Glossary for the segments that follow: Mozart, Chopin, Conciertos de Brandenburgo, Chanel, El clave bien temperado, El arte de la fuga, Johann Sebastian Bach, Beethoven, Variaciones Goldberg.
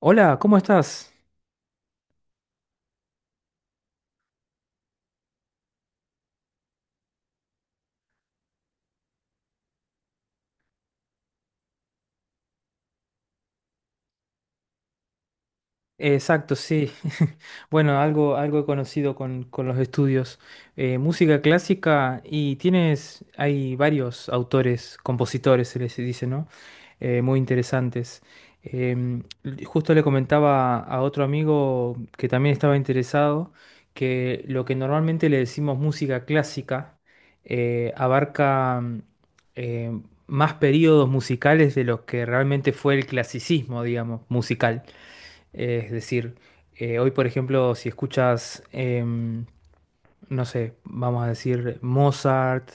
Hola, ¿cómo estás? Exacto, sí. Bueno, algo he conocido con los estudios. Música clásica y hay varios autores, compositores, se les dice, ¿no? Muy interesantes. Justo le comentaba a otro amigo que también estaba interesado que lo que normalmente le decimos música clásica abarca eh, más periodos musicales de los que realmente fue el clasicismo, digamos, musical. Es decir, hoy, por ejemplo, si escuchas, no sé, vamos a decir Mozart,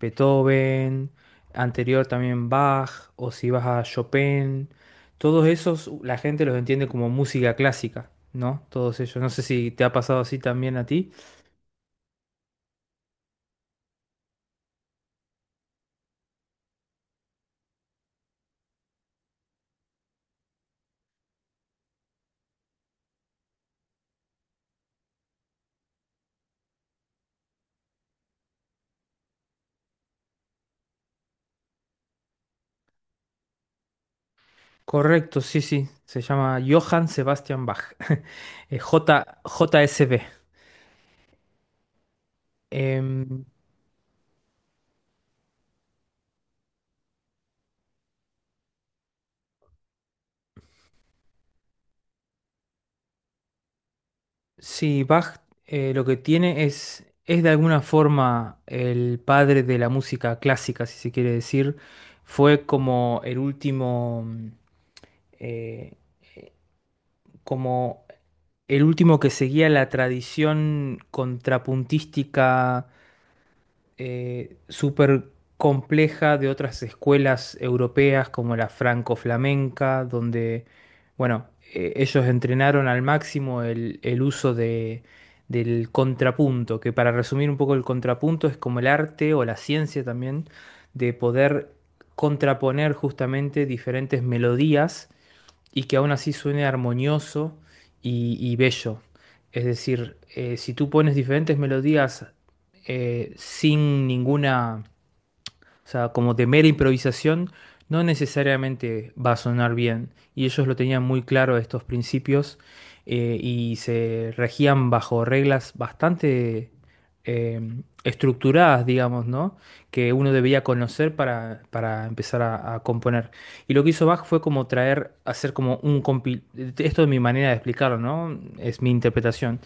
Beethoven, anterior también Bach, o si vas a Chopin, todos esos la gente los entiende como música clásica, ¿no? Todos ellos. No sé si te ha pasado así también a ti. Correcto, sí, sí. Se llama Johann Sebastian Bach. JSB. Em, Sí, Bach, lo que tiene es, de alguna forma, el padre de la música clásica, si se quiere decir. Fue como el eh, como último que seguía la tradición contrapuntística súper compleja de otras escuelas europeas como la franco-flamenca, donde, bueno, ellos entrenaron al máximo el uso del contrapunto, que para resumir un poco el contrapunto es como el arte o la ciencia también de poder contraponer justamente diferentes melodías y que aún así suene armonioso y bello. Es decir, si tú pones diferentes melodías sin ninguna o sea, como de mera improvisación, no necesariamente va a sonar bien. Y ellos lo tenían muy claro estos principios, y se regían bajo reglas bastante eh, estructuradas, digamos, ¿no? Que uno debía conocer para empezar a componer. Y lo que hizo Bach fue como hacer como un compil... Esto es mi manera de explicarlo, ¿no? Es mi interpretación,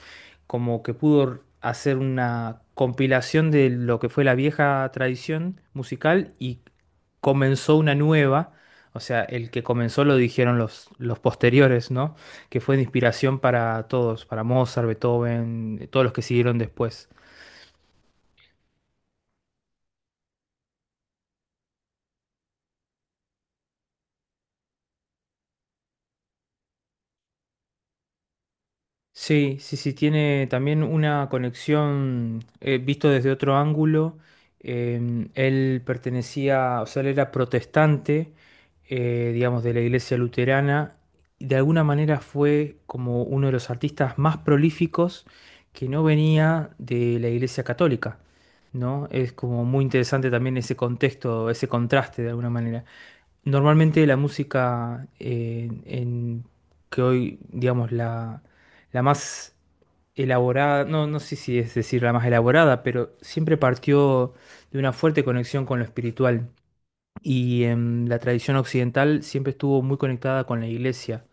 como que pudo hacer una compilación de lo que fue la vieja tradición musical y comenzó una nueva. O sea, el que comenzó lo dijeron los posteriores, ¿no? Que fue de inspiración para todos, para Mozart, Beethoven, todos los que siguieron después. Sí, sí, sí, tiene también una conexión, visto desde otro ángulo. Él pertenecía, o sea, él era protestante, digamos, de la iglesia luterana. Y de alguna manera fue como uno de los artistas más prolíficos que no venía de la iglesia católica, ¿no? Es como muy interesante también ese contexto, ese contraste de alguna manera. Normalmente la música que hoy, digamos, la más elaborada, no, no sé si es decir la más elaborada, pero siempre partió de una fuerte conexión con lo espiritual. Y la tradición occidental siempre estuvo muy conectada con la iglesia.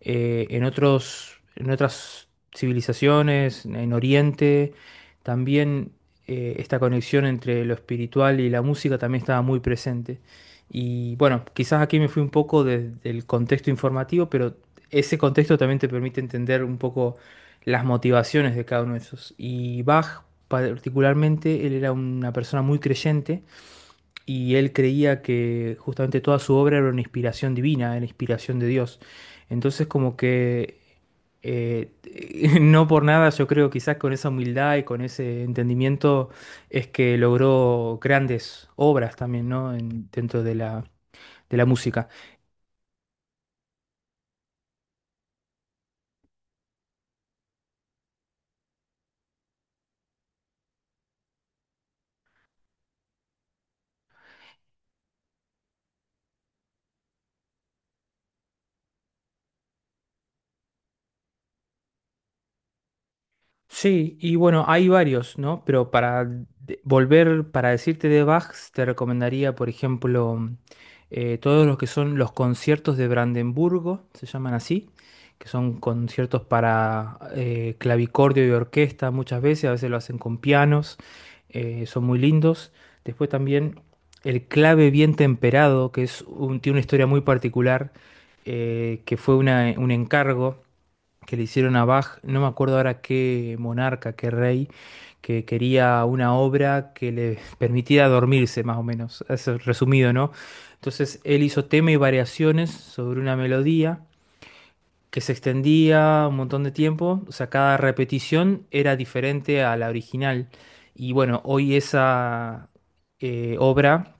En otras civilizaciones, en Oriente, también esta conexión entre lo espiritual y la música también estaba muy presente. Y bueno, quizás aquí me fui un poco del contexto informativo, pero ese contexto también te permite entender un poco las motivaciones de cada uno de esos. Y Bach, particularmente, él era una persona muy creyente, y él creía que justamente toda su obra era una inspiración divina, era inspiración de Dios. Entonces, como que eh, no por nada yo creo, quizás con esa humildad y con ese entendimiento, es que logró grandes obras también, ¿no? Dentro de la música. Sí, y bueno, hay varios, ¿no? Pero para decirte de Bach, te recomendaría, por ejemplo, todos los que son los conciertos de Brandenburgo, se llaman así, que son conciertos para clavicordio y orquesta muchas veces, a veces lo hacen con pianos. Son muy lindos. Después también el clave bien temperado, que es tiene una historia muy particular, que fue un encargo que le hicieron a Bach, no me acuerdo ahora qué monarca, qué rey, que quería una obra que le permitiera dormirse, más o menos, es resumido, ¿no? Entonces él hizo tema y variaciones sobre una melodía que se extendía un montón de tiempo, o sea, cada repetición era diferente a la original. Y bueno, hoy esa obra,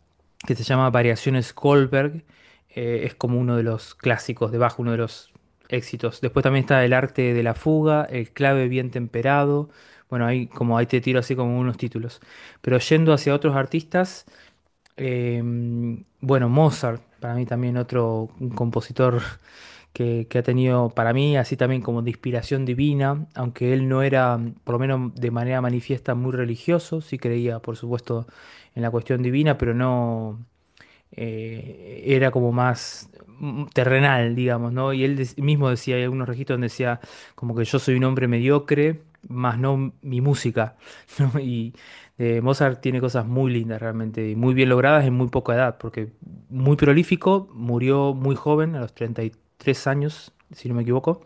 que se llama Variaciones Goldberg, es como uno de los clásicos de Bach, uno de los éxitos. Después también está El arte de la fuga, El clave bien temperado. Bueno, ahí como ahí te tiro así como unos títulos. Pero yendo hacia otros artistas, eh, bueno, Mozart, para mí también otro compositor que ha tenido, para mí, así también como de inspiración divina, aunque él no era, por lo menos de manera manifiesta, muy religioso. Sí creía, por supuesto, en la cuestión divina, pero no, era como más terrenal, digamos, ¿no? Y él mismo decía, hay algunos registros donde decía como que yo soy un hombre mediocre, más no mi música, ¿no? Y Mozart tiene cosas muy lindas realmente, y muy bien logradas en muy poca edad, porque muy prolífico, murió muy joven, a los 33 años, si no me equivoco,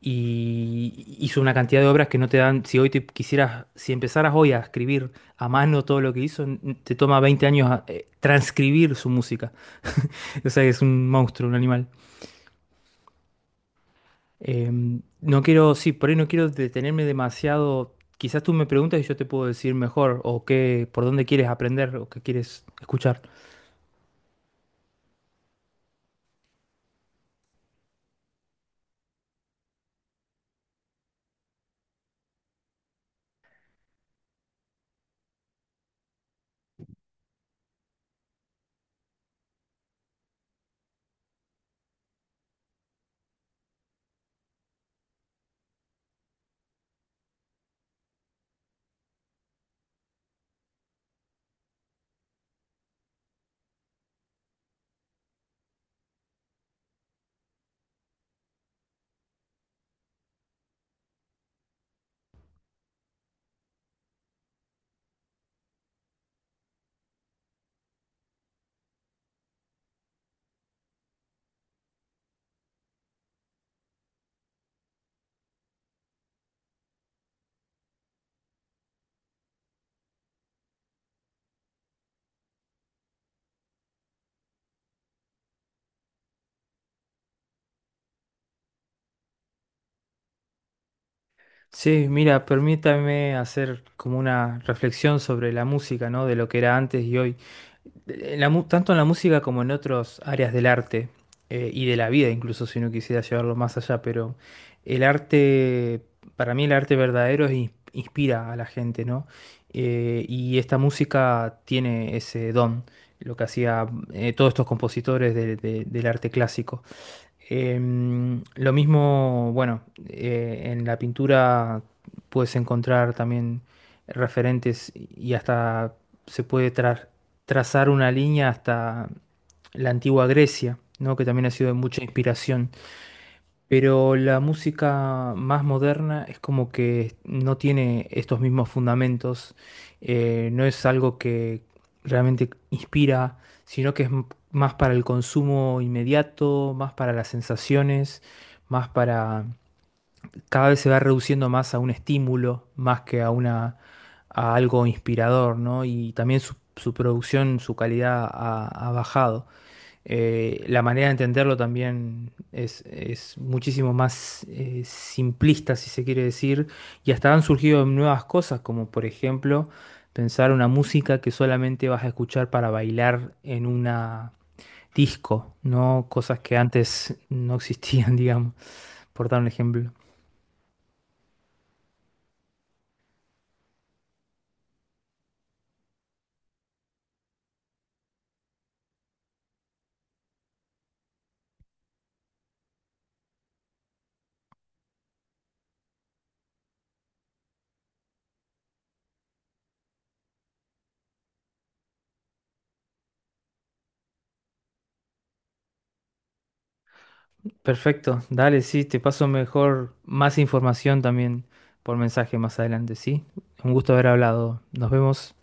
y hizo una cantidad de obras que no te dan, si hoy te quisieras, si empezaras hoy a escribir a mano todo lo que hizo, te toma 20 años a transcribir su música. O sea, es un monstruo, un animal. Eh, no quiero, sí, por ahí no quiero detenerme demasiado. Quizás tú me preguntas y yo te puedo decir mejor o qué, por dónde quieres aprender o qué quieres escuchar. Sí, mira, permítame hacer como una reflexión sobre la música, ¿no? De lo que era antes y hoy. Tanto en la música como en otras áreas del arte y de la vida, incluso si no quisiera llevarlo más allá, pero el arte, para mí el arte verdadero inspira a la gente, ¿no? Y esta música tiene ese don, lo que hacía todos estos compositores del arte clásico. Lo mismo, bueno, en la pintura puedes encontrar también referentes y hasta se puede trazar una línea hasta la antigua Grecia, ¿no? Que también ha sido de mucha inspiración. Pero la música más moderna es como que no tiene estos mismos fundamentos, no es algo que realmente inspira, sino que es más para el consumo inmediato, más para las sensaciones, más para... Cada vez se va reduciendo más a un estímulo, más que a algo inspirador, ¿no? Y también su producción, su calidad ha bajado. La manera de entenderlo también es muchísimo más simplista, si se quiere decir, y hasta han surgido nuevas cosas, como por ejemplo pensar una música que solamente vas a escuchar para bailar en una disco, ¿no? Cosas que antes no existían, digamos, por dar un ejemplo. Perfecto, dale, sí, te paso mejor más información también por mensaje más adelante, ¿sí? Un gusto haber hablado. Nos vemos.